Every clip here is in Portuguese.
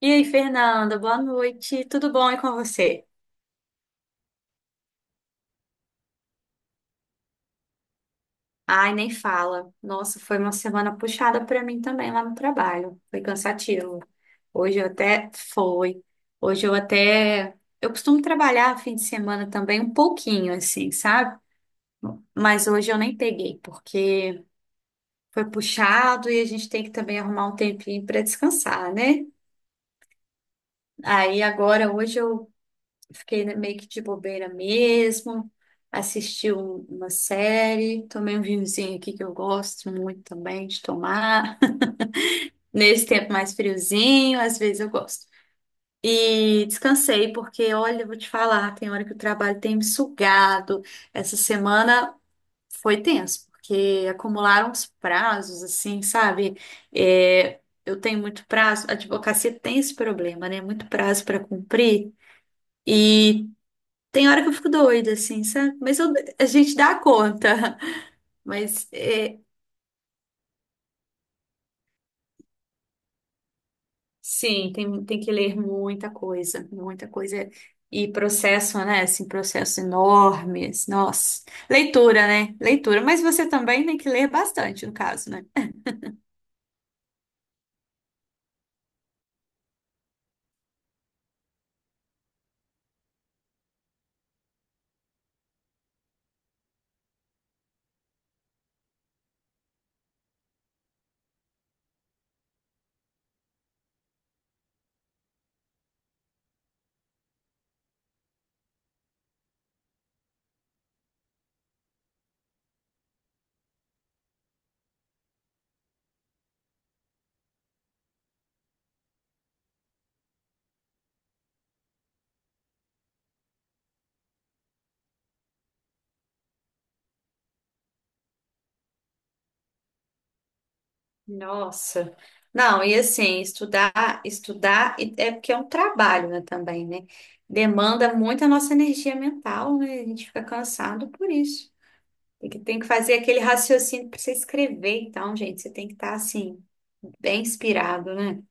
E aí, Fernanda, boa noite. Tudo bom e com você? Ai, nem fala. Nossa, foi uma semana puxada pra mim também lá no trabalho. Foi cansativo. Hoje eu até foi. Hoje eu até eu costumo trabalhar fim de semana também um pouquinho assim, sabe? Mas hoje eu nem peguei porque foi puxado e a gente tem que também arrumar um tempinho pra descansar, né? Aí agora hoje eu fiquei, né, meio que de bobeira mesmo. Assisti uma série, tomei um vinhozinho aqui que eu gosto muito também de tomar. Nesse tempo mais friozinho, às vezes eu gosto. E descansei, porque olha, eu vou te falar, tem hora que o trabalho tem me sugado. Essa semana foi tenso, porque acumularam os prazos, assim, sabe? É, eu tenho muito prazo, a advocacia tem esse problema, né? Muito prazo para cumprir. E tem hora que eu fico doida, assim, sabe? A gente dá conta. Mas é, sim, tem, tem que ler muita coisa, muita coisa. E processo, né? Assim, processos enormes. Nossa. Leitura, né? Leitura. Mas você também tem que ler bastante, no caso, né? Nossa. Não, e assim, estudar, é porque é um trabalho, né, também, né? Demanda muito a nossa energia mental, né? A gente fica cansado por isso. Tem que fazer aquele raciocínio para você escrever, então, gente, você tem que estar assim, bem inspirado, né?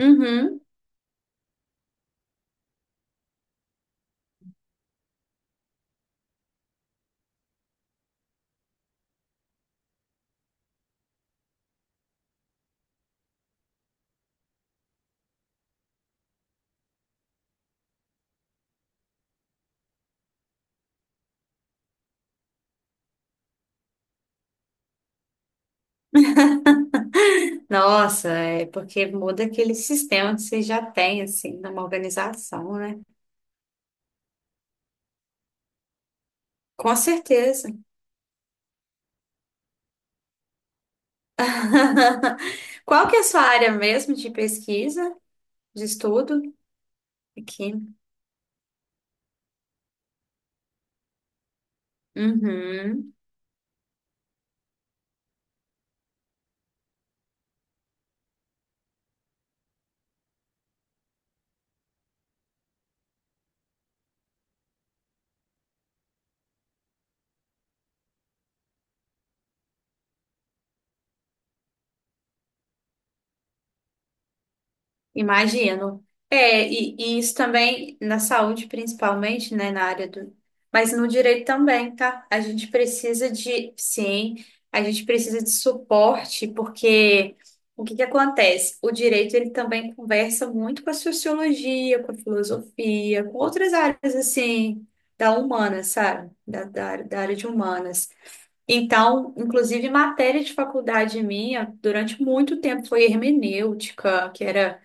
Uhum. Nossa, é porque muda aquele sistema que você já tem, assim, numa organização, né? Com certeza. Qual que é a sua área mesmo de pesquisa, de estudo? Aqui. Uhum. Imagino. É, e isso também na saúde, principalmente, né, na área do. Mas no direito também, tá? A gente precisa de, sim, a gente precisa de suporte, porque o que que acontece? O direito, ele também conversa muito com a sociologia, com a filosofia, com outras áreas, assim, da humana, sabe? Da área de humanas. Então, inclusive, matéria de faculdade minha, durante muito tempo, foi hermenêutica, que era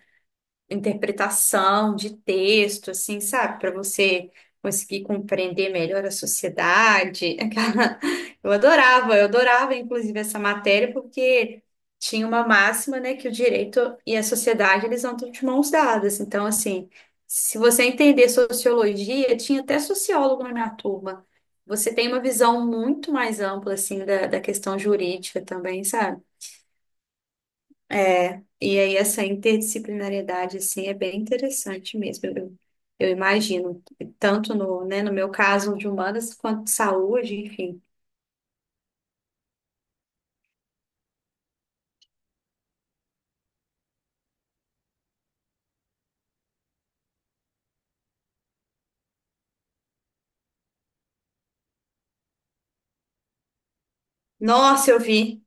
interpretação de texto, assim, sabe? Para você conseguir compreender melhor a sociedade. Eu adorava, eu adorava, inclusive, essa matéria, porque tinha uma máxima, né, que o direito e a sociedade, eles andam de mãos dadas. Então, assim, se você entender sociologia, tinha até sociólogo na minha turma. Você tem uma visão muito mais ampla, assim, da questão jurídica também, sabe? É, e aí essa interdisciplinariedade, assim, é bem interessante mesmo, eu imagino. Tanto no, né, no meu caso de humanas, quanto de saúde, enfim. Nossa, eu vi,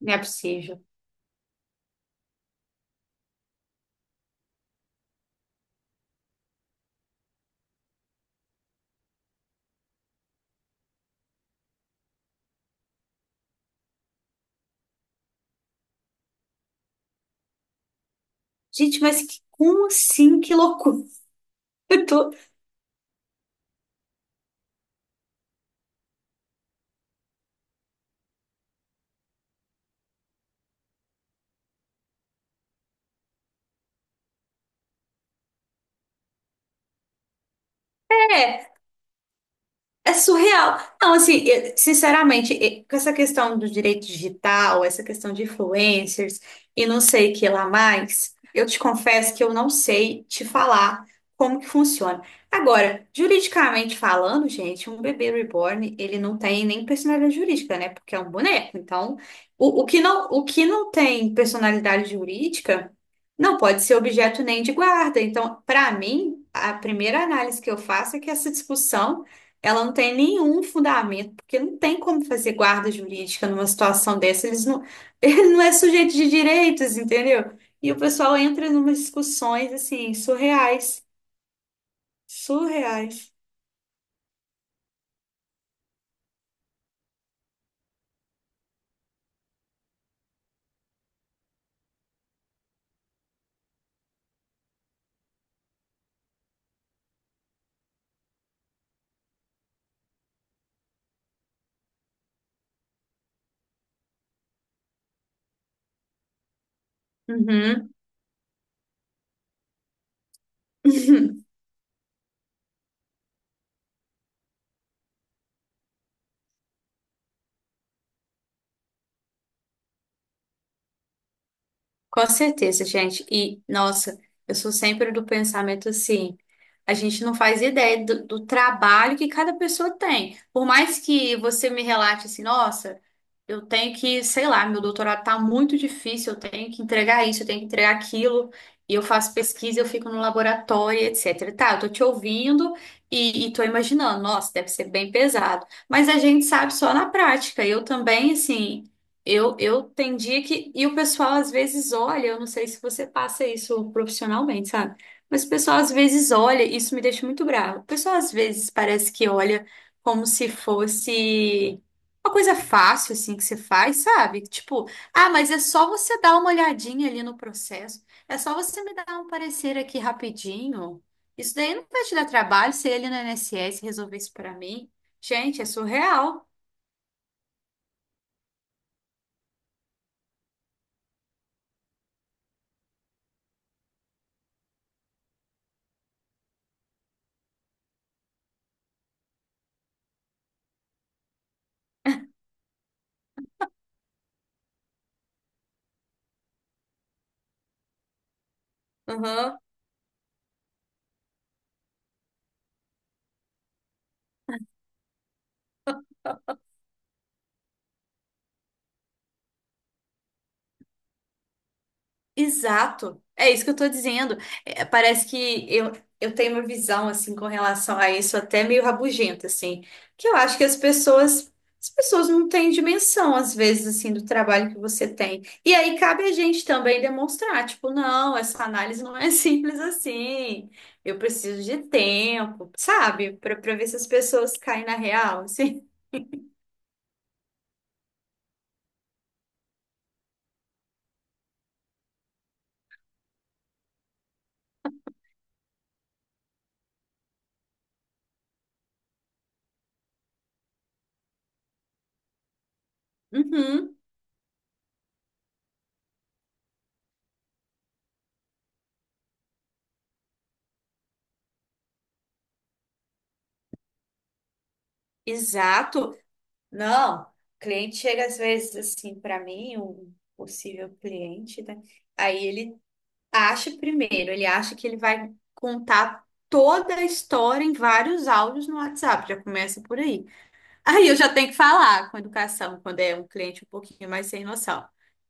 não é possível. Gente, como assim? Que loucura. Eu tô- é, É surreal. Não, assim, sinceramente, com essa questão do direito digital, essa questão de influencers e não sei o que lá mais, eu te confesso que eu não sei te falar como que funciona. Agora, juridicamente falando, gente, um bebê reborn, ele não tem nem personalidade jurídica, né? Porque é um boneco. Então, o que não tem personalidade jurídica não pode ser objeto nem de guarda. Então, para mim, a primeira análise que eu faço é que essa discussão ela não tem nenhum fundamento, porque não tem como fazer guarda jurídica numa situação dessa. Eles não, ele não é sujeito de direitos, entendeu? E o pessoal entra numas discussões assim, surreais. Surreais. Uhum. Com certeza, gente. E, nossa, eu sou sempre do pensamento assim. A gente não faz ideia do trabalho que cada pessoa tem. Por mais que você me relate assim, nossa, eu tenho que, sei lá, meu doutorado tá muito difícil, eu tenho que entregar isso, eu tenho que entregar aquilo, e eu faço pesquisa, eu fico no laboratório, etc. Tá, eu tô te ouvindo e tô imaginando, nossa, deve ser bem pesado. Mas a gente sabe só na prática. Eu também, assim, eu tem dia que. E o pessoal às vezes olha, eu não sei se você passa isso profissionalmente, sabe? Mas o pessoal às vezes olha, isso me deixa muito bravo. O pessoal às vezes parece que olha como se fosse uma coisa fácil assim que você faz, sabe? Tipo, ah, mas é só você dar uma olhadinha ali no processo. É só você me dar um parecer aqui rapidinho. Isso daí não vai te dar trabalho, se ele no INSS resolver isso pra mim. Gente, é surreal. Uhum. Exato. É isso que eu tô dizendo. É, parece que eu tenho uma visão assim com relação a isso até meio rabugenta assim, que eu acho que as pessoas não têm dimensão às vezes assim do trabalho que você tem. E aí cabe a gente também demonstrar, tipo, não, essa análise não é simples assim. Eu preciso de tempo, sabe? Para ver se as pessoas caem na real, assim. Uhum. Exato. Não, cliente chega às vezes assim para mim, um possível cliente, né? Aí ele acha primeiro, ele acha que ele vai contar toda a história em vários áudios no WhatsApp, já começa por aí. Aí eu já tenho que falar com educação, quando é um cliente um pouquinho mais sem noção.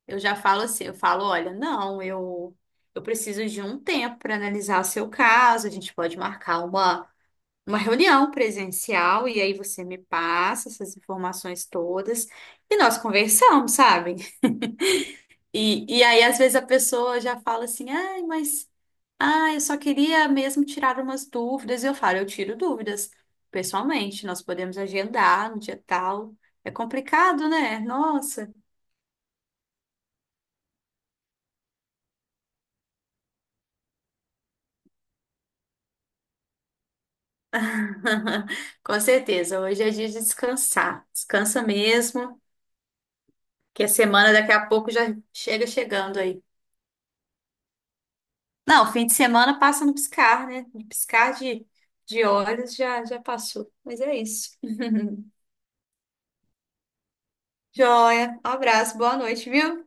Eu já falo assim, eu falo, olha, não, eu preciso de um tempo para analisar o seu caso, a gente pode marcar uma reunião presencial e aí você me passa essas informações todas e nós conversamos, sabe? E aí às vezes a pessoa já fala assim, ai, mas ah, eu só queria mesmo tirar umas dúvidas. E eu falo, eu tiro dúvidas pessoalmente, nós podemos agendar no dia tal. É complicado, né? Nossa. Com certeza, hoje é dia de descansar. Descansa mesmo, que a semana daqui a pouco já chega chegando aí. Não, fim de semana passa no piscar, né? No piscar de olhos já, já passou. Mas é isso. Joia. Um abraço, boa noite, viu?